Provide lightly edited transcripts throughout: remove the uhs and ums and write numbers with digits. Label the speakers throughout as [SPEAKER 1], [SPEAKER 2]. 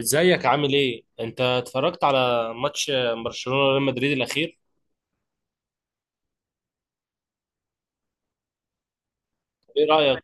[SPEAKER 1] ازيك عامل ايه؟ انت اتفرجت على ماتش برشلونة وريال مدريد الاخير؟ ايه رأيك؟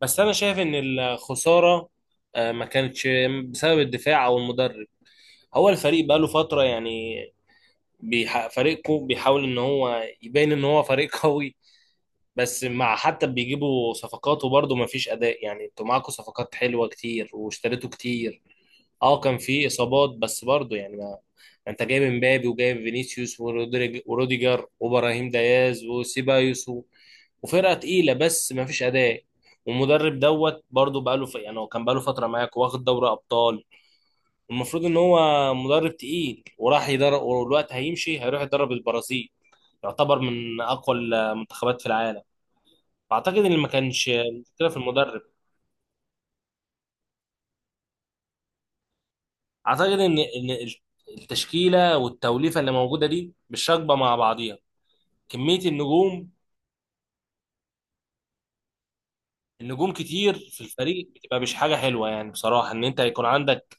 [SPEAKER 1] بس انا شايف ان الخسارة ما كانتش بسبب الدفاع او المدرب. هو الفريق بقاله فترة يعني فريقه بيحاول ان هو يبين ان هو فريق قوي. بس مع حتى بيجيبوا صفقات وبرضه ما فيش اداء، يعني انتوا معاكوا صفقات حلوة كتير واشتريتوا كتير. اه كان في اصابات بس برضه يعني ما انت جايب امبابي وجايب فينيسيوس وروديجر وابراهيم دياز وسيبايوس وفرقه تقيله بس ما فيش اداء. والمدرب دوت برضه بقاله يعني هو كان بقاله فتره معاك واخد دوري ابطال. المفروض ان هو مدرب تقيل، وراح يدرب والوقت هيمشي هيروح يدرب البرازيل، يعتبر من اقوى المنتخبات في العالم. فاعتقد ان ما كانش المشكله في المدرب. اعتقد ان التشكيله والتوليفه اللي موجوده دي مش راكبه مع بعضيها. كميه النجوم النجوم كتير في الفريق بتبقى مش حاجه حلوه، يعني بصراحه ان انت يكون عندك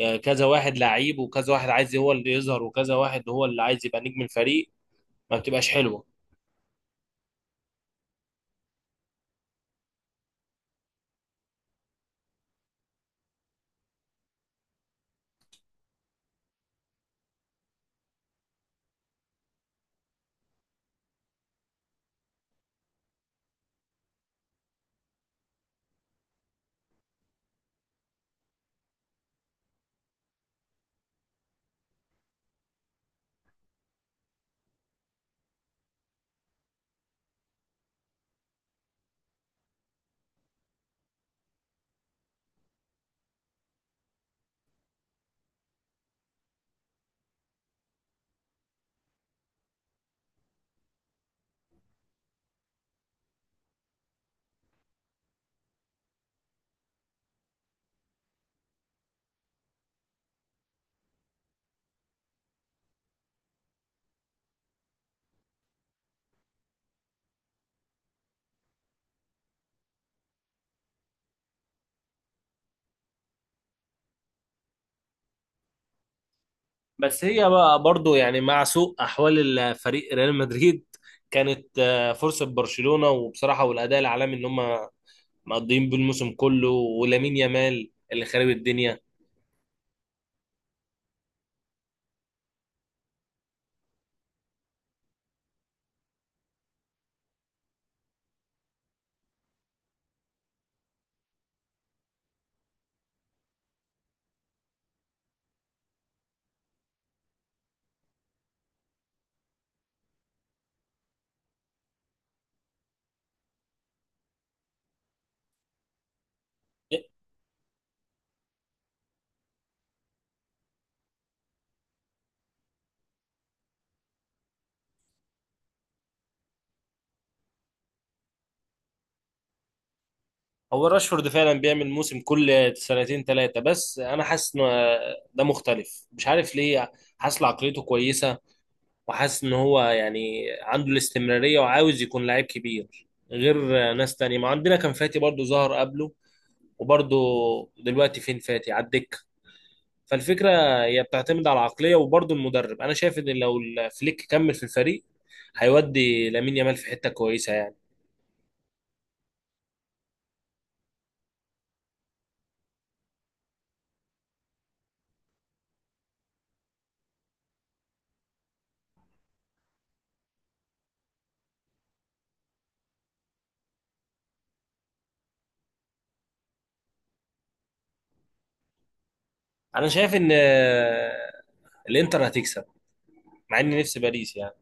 [SPEAKER 1] كذا واحد لعيب وكذا واحد عايز هو اللي يظهر وكذا واحد هو اللي عايز يبقى نجم الفريق، ما بتبقاش حلوه. بس هي بقى برضو يعني مع سوء احوال الفريق ريال مدريد، كانت فرصه برشلونه وبصراحه والاداء العالمي ان هم مقضيين بالموسم كله، ولامين يامال اللي خارب الدنيا. هو راشفورد فعلا بيعمل موسم كل سنتين ثلاثة، بس أنا حاسس إن ده مختلف، مش عارف ليه. حاسس إن عقليته كويسة، وحاسس إن هو يعني عنده الاستمرارية وعاوز يكون لعيب كبير غير ناس تانية. ما عندنا كان فاتي برضو ظهر قبله، وبرضو دلوقتي فين فاتي؟ على الدكة. فالفكرة هي بتعتمد على العقلية وبرضو المدرب. أنا شايف إن لو فليك كمل في الفريق هيودي لامين يامال في حتة كويسة يعني. أنا شايف إن الإنتر هتكسب، مع إني نفسي باريس يعني.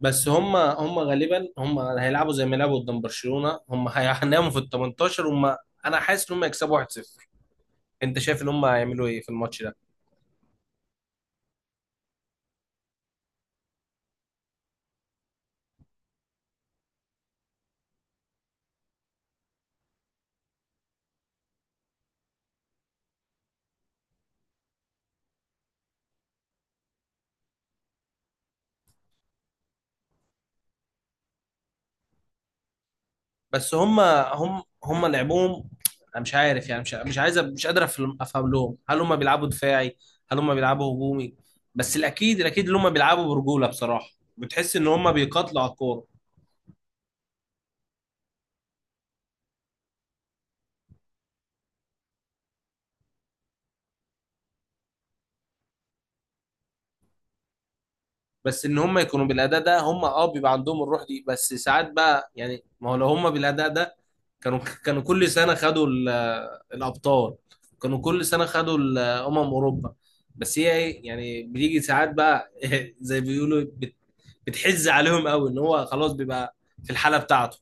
[SPEAKER 1] بس هم غالبا هم هيلعبوا زي ما لعبوا قدام برشلونة، هم هيناموا في ال 18 هم. انا حاسس ان هم يكسبوا 1-0. انت شايف ان هم هيعملوا ايه في الماتش ده؟ بس هم لعبوهم. انا مش عارف، يعني مش عايز، مش قادر أفهم لهم. هل هم بيلعبوا دفاعي؟ هل هم بيلعبوا هجومي؟ بس الاكيد ان هم بيلعبوا برجولة بصراحة. بتحس ان هم بيقاتلوا على الكورة. بس ان هم يكونوا بالاداء ده هم بيبقى عندهم الروح دي، بس ساعات بقى يعني ما هو لو هم بالاداء ده كانوا كانوا كل سنه خدوا الابطال، كانوا كل سنه خدوا اوروبا. بس هي ايه يعني بيجي ساعات بقى زي بيقولوا بتحز عليهم قوي ان هو خلاص بيبقى في الحاله بتاعته.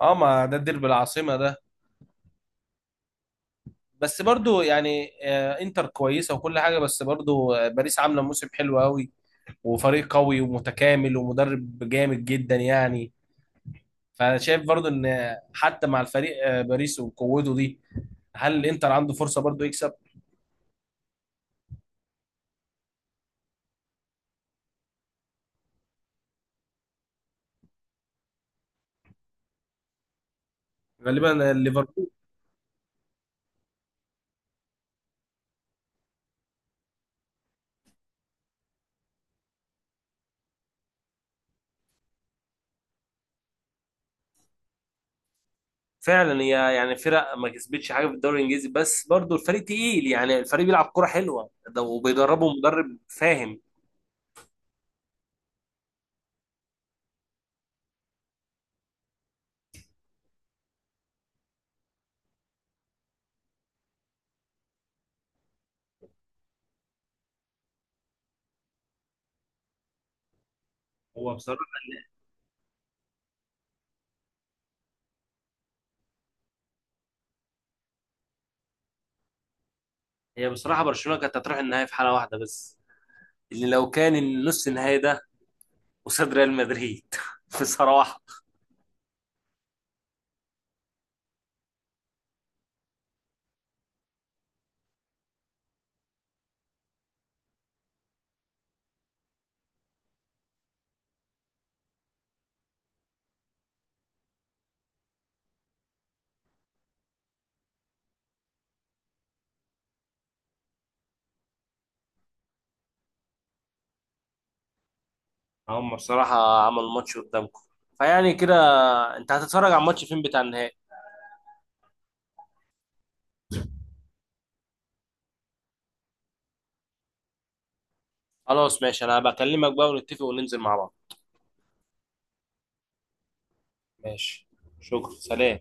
[SPEAKER 1] اه ما ده الديربي العاصمه ده. بس برضو يعني انتر كويسه وكل حاجه، بس برضو باريس عامله موسم حلو قوي وفريق قوي ومتكامل ومدرب جامد جدا يعني. فانا شايف برضو ان حتى مع الفريق باريس وقوته دي، هل الانتر عنده فرصه برضو يكسب؟ غالبا ليفربول. فعلا هي يعني فرق ما كسبتش حاجه في الدوري الانجليزي، بس برضو الفريق تقيل يعني، الفريق بيلعب كرة حلوه ده وبيدربه مدرب فاهم. هو بصراحه هي بصراحه برشلونه كانت هتروح النهائي في حاله واحده بس، اللي لو كان النص النهائي ده قصاد ريال مدريد في صراحه. هم بصراحة عملوا ماتش قدامكم، فيعني كده. انت هتتفرج على الماتش فين بتاع النهائي؟ خلاص ماشي، انا بكلمك بقى ونتفق وننزل مع بعض. ماشي، شكرا، سلام.